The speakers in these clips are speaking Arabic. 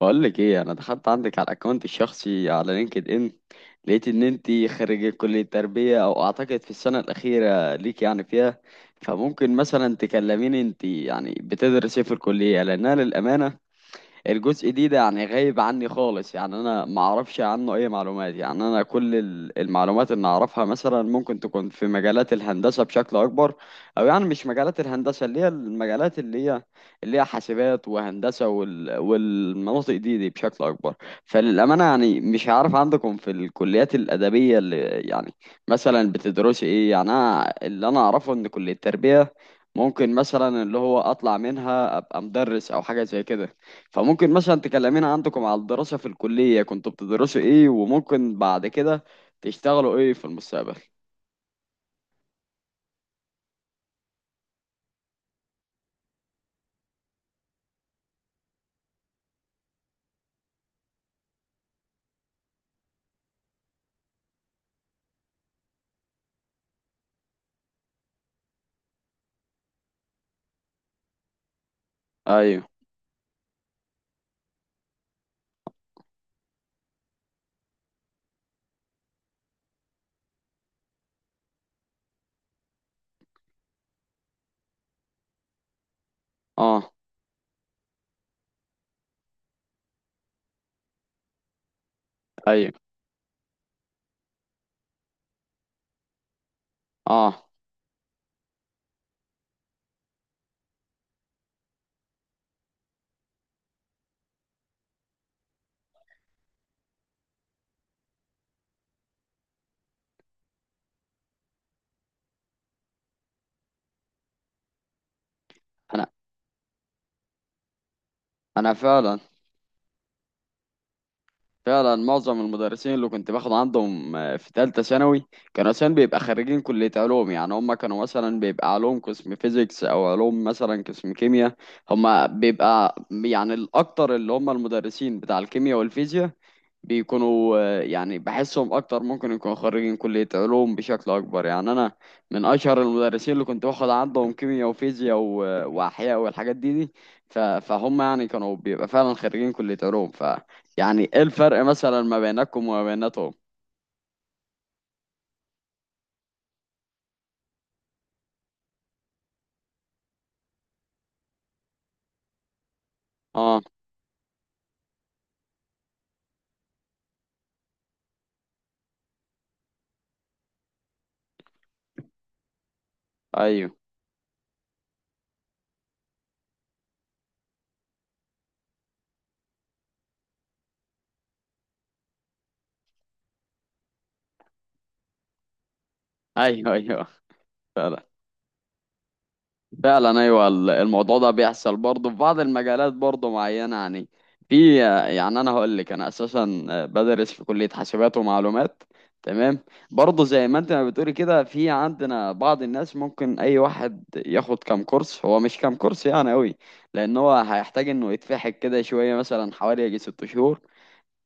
بقول لك ايه، انا دخلت عندك على الاكونت الشخصي على لينكد ان. لقيت ان انت خريجه كليه تربيه، او اعتقد في السنه الاخيره ليك يعني فيها. فممكن مثلا تكلميني انت يعني بتدرسي إيه في الكليه، لانها للامانه الجزء ده يعني غايب عني خالص، يعني انا ما اعرفش عنه اي معلومات. يعني انا كل المعلومات اللي اعرفها مثلا ممكن تكون في مجالات الهندسة بشكل اكبر، او يعني مش مجالات الهندسة اللي هي المجالات اللي هي حاسبات وهندسة والمناطق دي بشكل اكبر. فللأمانة يعني مش عارف عندكم في الكليات الأدبية اللي يعني مثلا بتدرسي ايه. يعني انا اللي انا اعرفه ان كلية التربية ممكن مثلا اللي هو اطلع منها ابقى مدرس او حاجة زي كده. فممكن مثلا تكلمينا عندكم على الدراسة في الكلية، كنتوا بتدرسوا ايه وممكن بعد كده تشتغلوا ايه في المستقبل؟ ايوه. اه. ايوه. اه. انا انا فعلا، فعلا معظم المدرسين اللي كنت باخد عندهم في ثالثة ثانوي كانوا مثلا بيبقى خريجين كلية علوم، يعني هم كانوا مثلا بيبقى علوم قسم فيزيكس او علوم مثلا قسم كيمياء. هم بيبقى يعني الاكتر اللي هم المدرسين بتاع الكيمياء والفيزياء بيكونوا يعني بحسهم اكتر ممكن يكونوا خريجين كلية علوم بشكل اكبر. يعني انا من اشهر المدرسين اللي كنت باخد عندهم كيمياء وفيزياء واحياء والحاجات دي. فهم يعني كانوا بيبقى فعلا خريجين كلية علوم. ف، يعني ايه الفرق مثلا ما بينكم وما بيناتهم؟ اه. ايوه. ايوه. ايوه. فعلا، فعلا ايوه الموضوع ده بيحصل برضه في بعض المجالات برضه معينه. يعني في، يعني انا هقول لك انا اساسا بدرس في كليه حاسبات ومعلومات. تمام. برضه زي ما انت ما بتقولي كده، في عندنا بعض الناس ممكن اي واحد ياخد كام كورس، هو مش كام كورس يعني قوي. لان هو هيحتاج انه يتفحك كده شويه، مثلا حوالي يجي ست شهور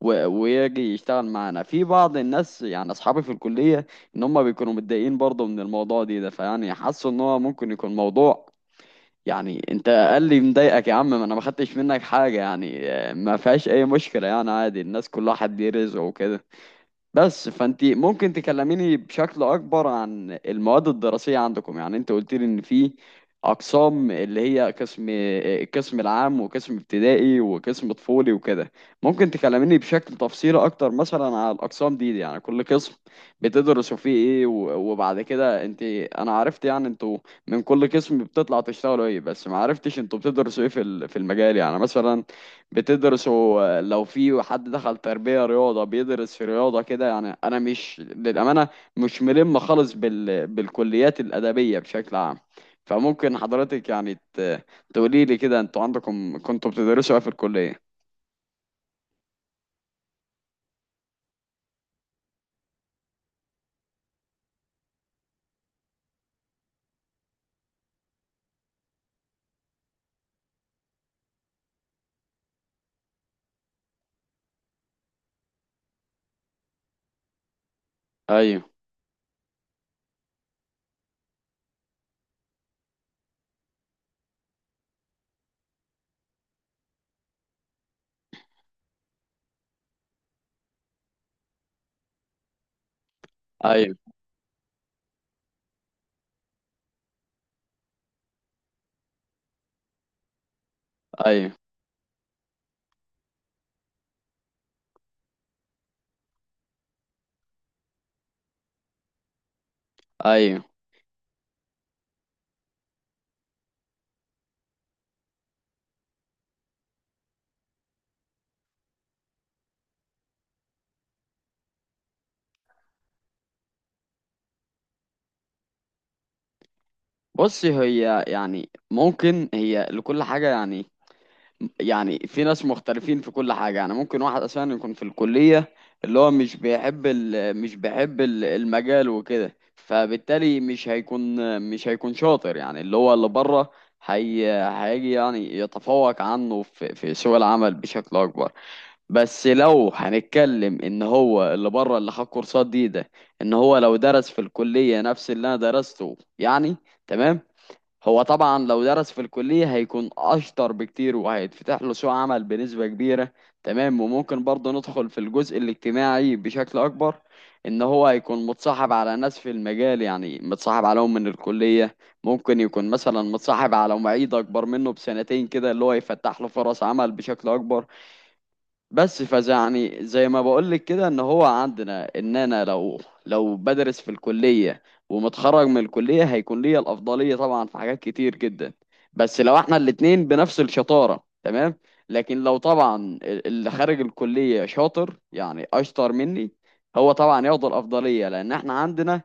ويجي يشتغل معانا. في بعض الناس يعني اصحابي في الكليه، ان هم بيكونوا متضايقين برضه من الموضوع ده. فيعني حاسوا ان هو ممكن يكون موضوع، يعني انت قال لي مضايقك يا عم؟ ما انا ما خدتش منك حاجه يعني ما فيهاش اي مشكله، يعني عادي الناس كلها حد ليه رزقه وكده. بس، فانت ممكن تكلميني بشكل اكبر عن المواد الدراسيه عندكم؟ يعني انت قلت لي ان في اقسام، اللي هي قسم القسم العام وقسم ابتدائي وقسم طفولي وكده. ممكن تكلميني بشكل تفصيلي اكتر مثلا على الاقسام دي، يعني كل قسم بتدرسوا فيه ايه. وبعد كده انت، انا عرفت يعني انتوا من كل قسم بتطلع تشتغلوا ايه، بس ما عرفتش انتوا بتدرسوا ايه في في المجال. يعني مثلا بتدرسوا لو في حد دخل تربية رياضة بيدرس في رياضة كده. يعني أنا مش للأمانة مش ملم خالص بالكليات الأدبية بشكل عام. فممكن حضرتك يعني تقولي لي كده أنتوا عندكم كنتوا بتدرسوا إيه في الكلية؟ أيوه. أيوه. أيوه. أيوه. بصي، هي يعني ممكن هي لكل حاجة يعني. يعني في ناس مختلفين في كل حاجة. يعني ممكن واحد أساسا يكون في الكلية اللي هو مش بيحب مش بيحب المجال وكده، فبالتالي مش هيكون، مش هيكون شاطر. يعني اللي هو اللي بره هيجي يعني يتفوق عنه في سوق العمل بشكل أكبر. بس لو هنتكلم إن هو اللي بره اللي خد كورسات ده، إن هو لو درس في الكلية نفس اللي أنا درسته يعني، تمام، هو طبعا لو درس في الكلية هيكون أشطر بكتير وهيتفتح له سوق عمل بنسبة كبيرة. تمام. وممكن برضه ندخل في الجزء الاجتماعي بشكل أكبر. إن هو هيكون متصاحب على ناس في المجال، يعني متصاحب عليهم من الكلية. ممكن يكون مثلا متصاحب على معيد أكبر منه بسنتين كده، اللي هو يفتح له فرص عمل بشكل أكبر. بس فيعني زي ما بقولك كده، ان هو عندنا ان انا لو، لو بدرس في الكلية ومتخرج من الكلية هيكون ليا الافضلية طبعا في حاجات كتير جدا. بس لو احنا الاتنين بنفس الشطارة تمام. لكن لو طبعا اللي خارج الكلية شاطر يعني اشطر مني، هو طبعا ياخد الافضلية، لان احنا عندنا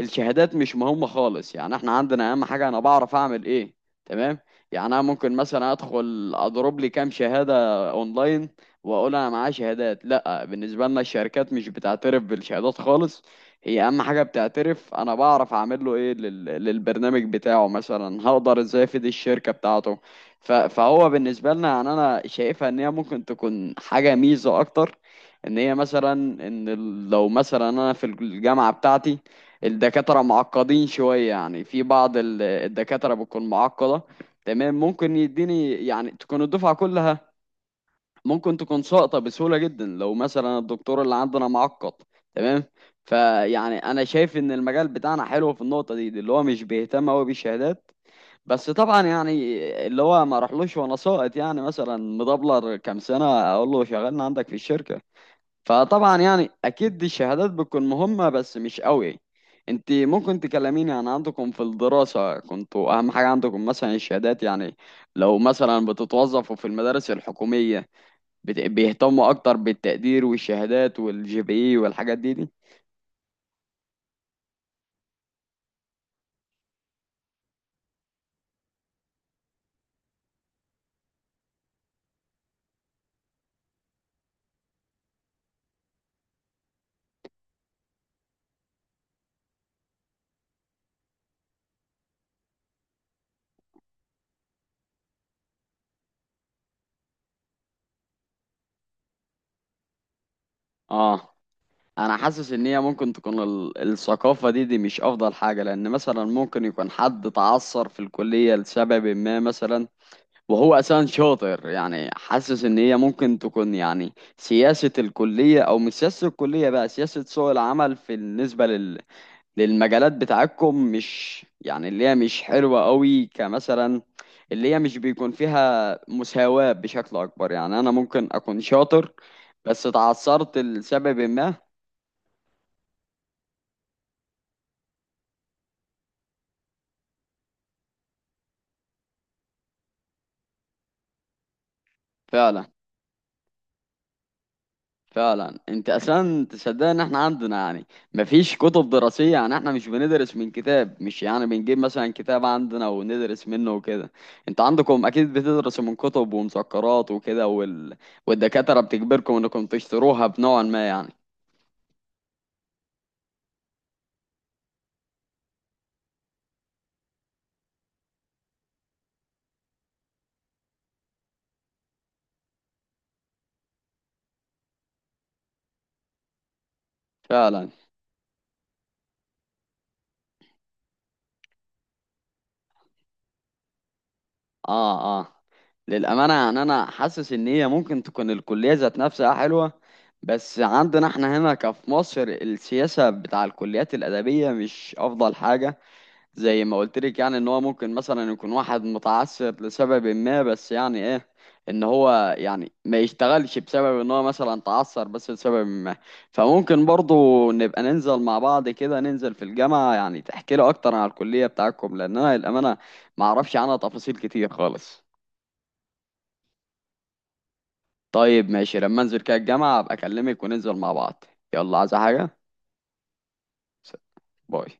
الشهادات مش مهمة خالص. يعني احنا عندنا اهم حاجة انا بعرف اعمل ايه. تمام. يعني انا ممكن مثلا ادخل اضرب لي كام شهادة اونلاين واقول انا معايا شهادات، لا بالنسبة لنا الشركات مش بتعترف بالشهادات خالص. هي اهم حاجة بتعترف انا بعرف اعمل له ايه للبرنامج بتاعه مثلا، هقدر ازاي افيد الشركة بتاعته. فهو بالنسبة لنا يعني انا شايفها ان هي ممكن تكون حاجة ميزة اكتر. ان هي مثلا، ان لو مثلا انا في الجامعة بتاعتي الدكاترة معقدين شوية. يعني في بعض الدكاترة بتكون معقدة. تمام. ممكن يديني يعني تكون الدفعة كلها ممكن تكون ساقطة بسهولة جدا لو مثلا الدكتور اللي عندنا معقد. تمام. فيعني أنا شايف إن المجال بتاعنا حلو في النقطة دي اللي هو مش بيهتم أوي بالشهادات. بس طبعا يعني اللي هو ما راحلوش وأنا ساقط يعني مثلا مدبلر كام سنة أقول له شغلنا عندك في الشركة، فطبعا يعني اكيد دي الشهادات بتكون مهمة بس مش قوي. انت ممكن تكلميني عن عندكم في الدراسة، كنتوا اهم حاجة عندكم مثلا الشهادات يعني؟ لو مثلا بتتوظفوا في المدارس الحكومية بيهتموا اكتر بالتقدير والشهادات والجي بي اي والحاجات دي؟ اه. انا حاسس ان هي ممكن تكون الثقافة دي مش افضل حاجة، لان مثلا ممكن يكون حد تعثر في الكلية لسبب ما مثلا وهو أساسا شاطر. يعني حاسس إن هي ممكن تكون يعني سياسة الكلية أو مش سياسة الكلية بقى سياسة سوق العمل في بالنسبة للمجالات بتاعتكم، مش يعني اللي هي مش حلوة قوي، كمثلا اللي هي مش بيكون فيها مساواة بشكل أكبر. يعني أنا ممكن أكون شاطر بس اتعثرت لسبب ما. فعلا، فعلا انت اصلا تصدق ان احنا عندنا يعني مفيش كتب دراسية؟ يعني احنا مش بندرس من كتاب، مش يعني بنجيب مثلا كتاب عندنا وندرس منه وكده. انت عندكم اكيد بتدرسوا من كتب ومذكرات وكده والدكاترة بتجبركم انكم تشتروها بنوع ما يعني. فعلا. اه. اه. للأمانة يعني انا حاسس ان هي ممكن تكون الكلية ذات نفسها حلوة، بس عندنا احنا هنا كفي مصر السياسة بتاع الكليات الأدبية مش أفضل حاجة. زي ما قلت لك يعني، ان هو ممكن مثلا يكون واحد متعثر لسبب ما، بس يعني ايه ان هو يعني ما يشتغلش بسبب ان هو مثلا تعثر بس لسبب ما. فممكن برضو نبقى ننزل مع بعض كده، ننزل في الجامعة يعني تحكي له اكتر عن الكلية بتاعتكم، لان انا للأمانة ما اعرفش عنها تفاصيل كتير خالص. طيب ماشي، لما انزل كده الجامعة ابقى اكلمك وننزل مع بعض. يلا، عايزة حاجة؟ س- باي.